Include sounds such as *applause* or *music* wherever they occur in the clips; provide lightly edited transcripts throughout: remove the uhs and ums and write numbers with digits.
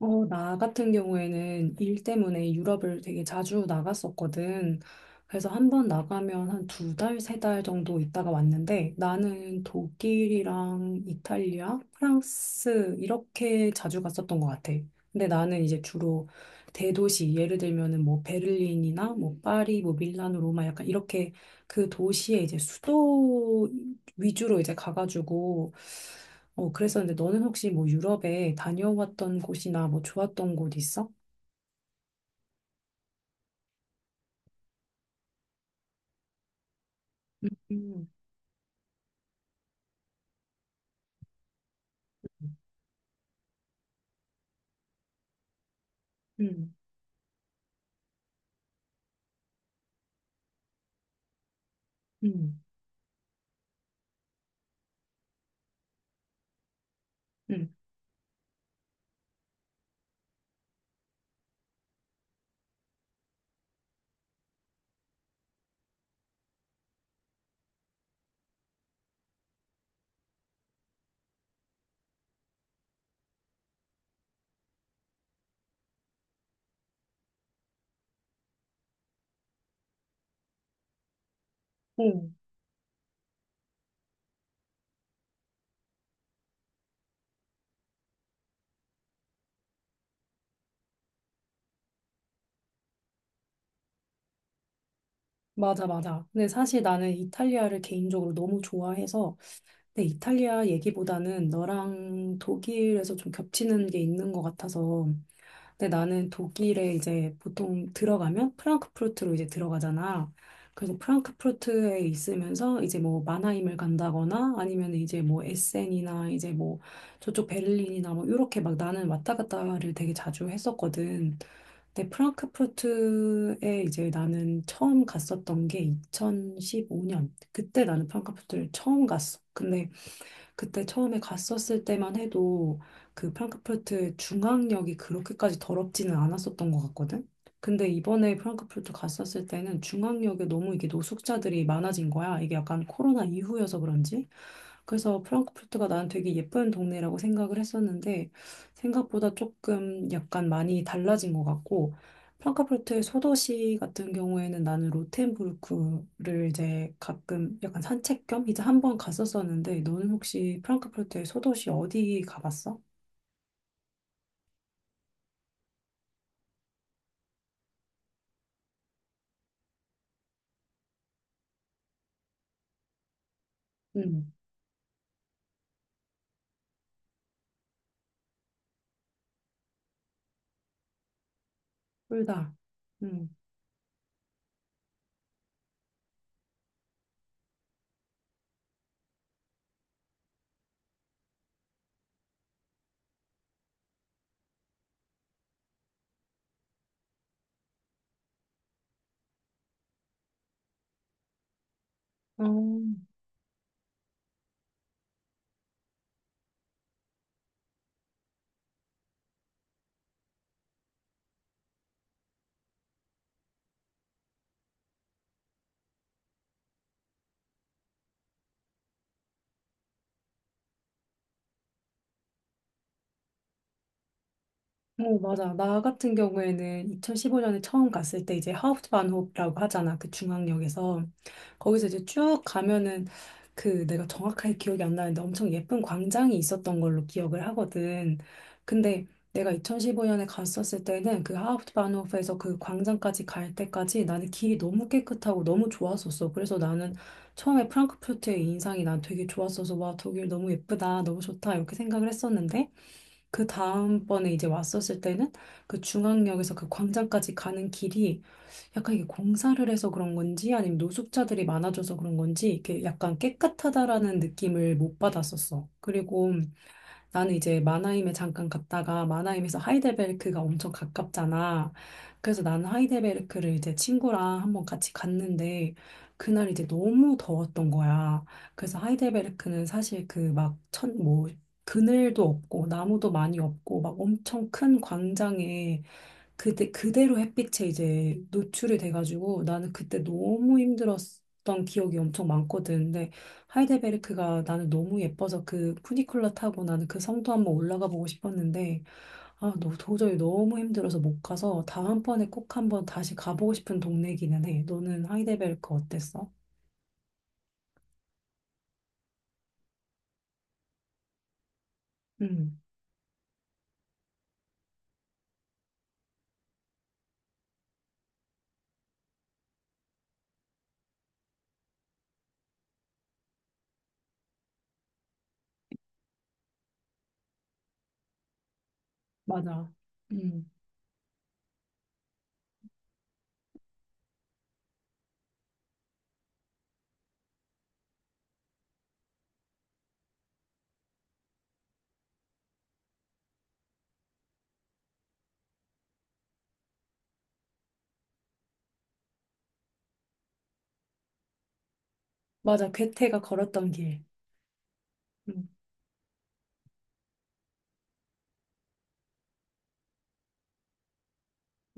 어, 나 같은 경우에는 일 때문에 유럽을 되게 자주 나갔었거든. 그래서 한번 나가면 한 두 달, 세 달 정도 있다가 왔는데 나는 독일이랑 이탈리아, 프랑스 이렇게 자주 갔었던 것 같아. 근데 나는 이제 주로 대도시, 예를 들면은 뭐 베를린이나 뭐 파리, 뭐 밀라노, 로마 약간 이렇게 그 도시의 이제 수도 위주로 이제 가가지고 그랬었는데 너는 혹시 뭐 유럽에 다녀왔던 곳이나 뭐 좋았던 곳 있어? 음. 음, 음, 음. 오, 맞아, 맞아. 근데 사실 나는 이탈리아를 개인적으로 너무 좋아해서, 근데 이탈리아 얘기보다는 너랑 독일에서 좀 겹치는 게 있는 것 같아서, 근데 나는 독일에 이제 보통 들어가면 프랑크푸르트로 이제 들어가잖아. 그래서 프랑크푸르트에 있으면서 이제 뭐 마나임을 간다거나 아니면 이제 뭐 에센이나 이제 뭐 저쪽 베를린이나 뭐 이렇게 막 나는 왔다 갔다를 되게 자주 했었거든. 근데 프랑크푸르트에 이제 나는 처음 갔었던 게 2015년. 그때 나는 프랑크푸르트를 처음 갔어. 근데 그때 처음에 갔었을 때만 해도 그 프랑크푸르트 중앙역이 그렇게까지 더럽지는 않았었던 것 같거든? 근데 이번에 프랑크푸르트 갔었을 때는 중앙역에 너무 이게 노숙자들이 많아진 거야. 이게 약간 코로나 이후여서 그런지. 그래서 프랑크푸르트가 난 되게 예쁜 동네라고 생각을 했었는데 생각보다 조금 약간 많이 달라진 것 같고 프랑크푸르트의 소도시 같은 경우에는 나는 로텐부르크를 이제 가끔 약간 산책 겸 이제 한 번 갔었었는데 너는 혹시 프랑크푸르트의 소도시 어디 가봤어? 응, 둘 다. 응. 어, 어, 맞아. 나 같은 경우에는 2015년에 처음 갔을 때 이제 하우프트반호프라고 하잖아. 그 중앙역에서. 거기서 이제 쭉 가면은 그 내가 정확하게 기억이 안 나는데 엄청 예쁜 광장이 있었던 걸로 기억을 하거든. 근데 내가 2015년에 갔었을 때는 그 하프트바노프에서 그 광장까지 갈 때까지 나는 길이 너무 깨끗하고 너무 좋았었어. 그래서 나는 처음에 프랑크푸르트의 인상이 난 되게 좋았어서 와, 독일 너무 예쁘다, 너무 좋다 이렇게 생각을 했었는데 그 다음번에 이제 왔었을 때는 그 중앙역에서 그 광장까지 가는 길이 약간 이게 공사를 해서 그런 건지 아니면 노숙자들이 많아져서 그런 건지 이렇게 약간 깨끗하다라는 느낌을 못 받았었어. 그리고 나는 이제 마나임에 잠깐 갔다가 마나임에서 하이델베르크가 엄청 가깝잖아. 그래서 나는 하이델베르크를 이제 친구랑 한번 같이 갔는데 그날 이제 너무 더웠던 거야. 그래서 하이델베르크는 사실 그 막 천 뭐 그늘도 없고 나무도 많이 없고 막 엄청 큰 광장에 그대로 햇빛에 이제 노출이 돼가지고 나는 그때 너무 힘들었던 기억이 엄청 많거든. 근데 하이델베르크가 나는 너무 예뻐서 그 푸니쿨러 타고 나는 그 성도 한번 올라가 보고 싶었는데 아, 너, 도저히 너무 힘들어서 못 가서 다음번에 꼭 한번 다시 가보고 싶은 동네기는 해. 너는 하이델베르크 어땠어? 응, 맞아. 응, 맞아. 괴테가 걸었던 길. 응,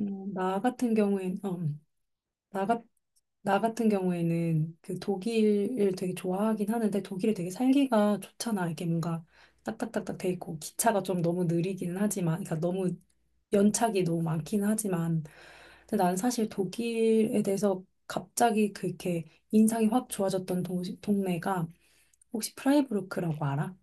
나 같은 경우엔, 어, 나 같은 나 같은 경우에는 그 독일을 되게 좋아하긴 하는데 독일이 되게 살기가 좋잖아. 이게 뭔가 딱딱딱딱 돼 있고 기차가 좀 너무 느리기는 하지만 그러니까 너무 연착이 너무 많긴 하지만 근데 난 사실 독일에 대해서 갑자기 그렇게 인상이 확 좋아졌던 도시, 동네가 혹시 프라이부르크라고 알아?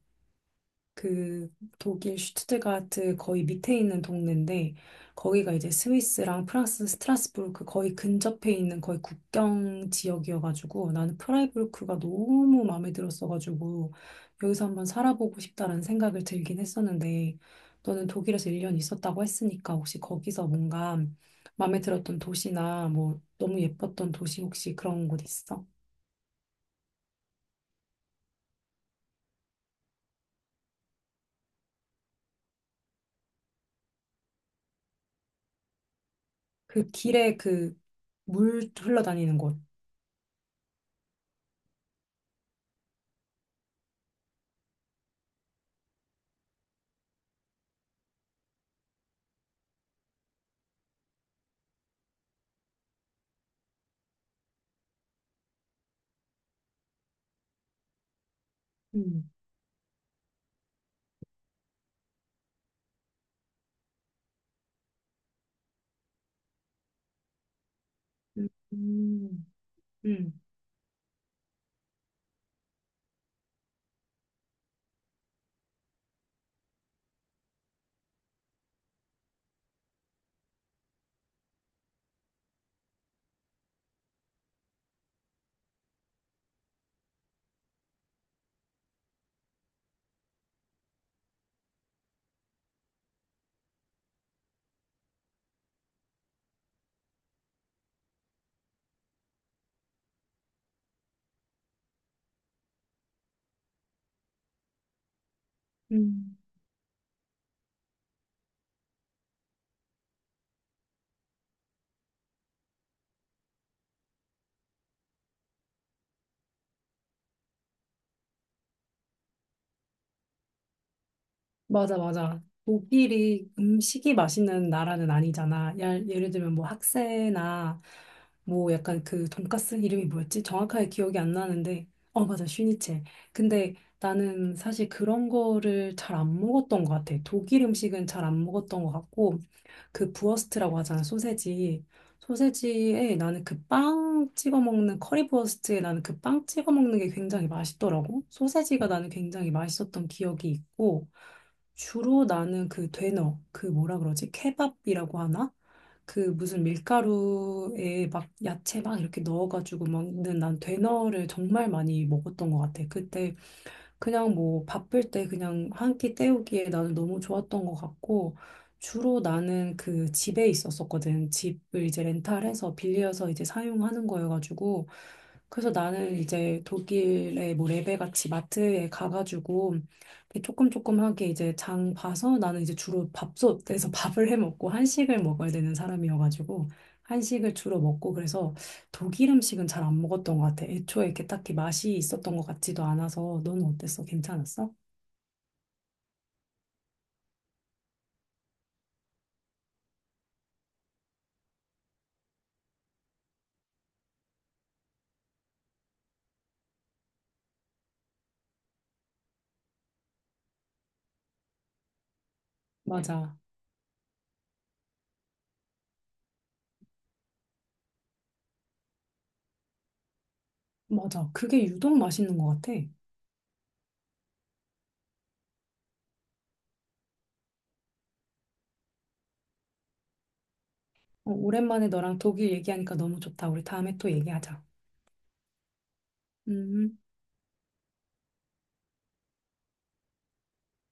그 독일 슈투트가르트 거의 밑에 있는 동네인데 거기가 이제 스위스랑 프랑스 스트라스부르크 거의 근접해 있는 거의 국경 지역이어가지고 나는 프라이부르크가 너무 마음에 들었어가지고 여기서 한번 살아보고 싶다라는 생각을 들긴 했었는데 너는 독일에서 1년 있었다고 했으니까 혹시 거기서 뭔가 마음에 들었던 도시나 뭐 너무 예뻤던 도시 혹시 그런 곳 있어? 그 길에 그 물 흘러다니는 곳. 음. 음. 음. 음. 맞아, 맞아. 독일이 음식이 맛있는 나라는 아니잖아. 예를 들면 뭐 학세나 뭐 약간 그 돈가스 이름이 뭐였지? 정확하게 기억이 안 나는데. 어, 맞아. 슈니체. 근데 나는 사실 그런 거를 잘 안 먹었던 것 같아. 독일 음식은 잘 안 먹었던 것 같고, 그 부어스트라고 하잖아. 소세지. 소세지에 나는 그 빵 찍어 먹는 커리부어스트에 나는 그 빵 찍어 먹는 게 굉장히 맛있더라고. 소세지가 나는 굉장히 맛있었던 기억이 있고, 주로 나는 그 되너, 그 뭐라 그러지? 케밥이라고 하나? 그 무슨 밀가루에 막 야채 막 이렇게 넣어가지고 먹는 난 되너를 정말 많이 먹었던 것 같아. 그때 그냥 뭐 바쁠 때 그냥 한 끼 때우기에 나는 너무 좋았던 것 같고 주로 나는 그 집에 있었었거든. 집을 이제 렌탈해서 빌려서 이제 사용하는 거여가지고 그래서 나는 이제 독일의 뭐 레베 같이 마트에 가가지고 이렇게 조금 조금하게 이제 장 봐서 나는 이제 주로 밥솥에서 *laughs* 밥을 해 먹고 한식을 먹어야 되는 사람이어가지고 한식을 주로 먹고 그래서 독일 음식은 잘 안 먹었던 것 같아. 애초에 이렇게 딱히 맛이 있었던 것 같지도 않아서 너는 어땠어? 괜찮았어? 맞아. 맞아. 그게 유독 맛있는 것 같아. 어, 오랜만에 너랑 독일 얘기하니까 너무 좋다. 우리 다음에 또 얘기하자. 음.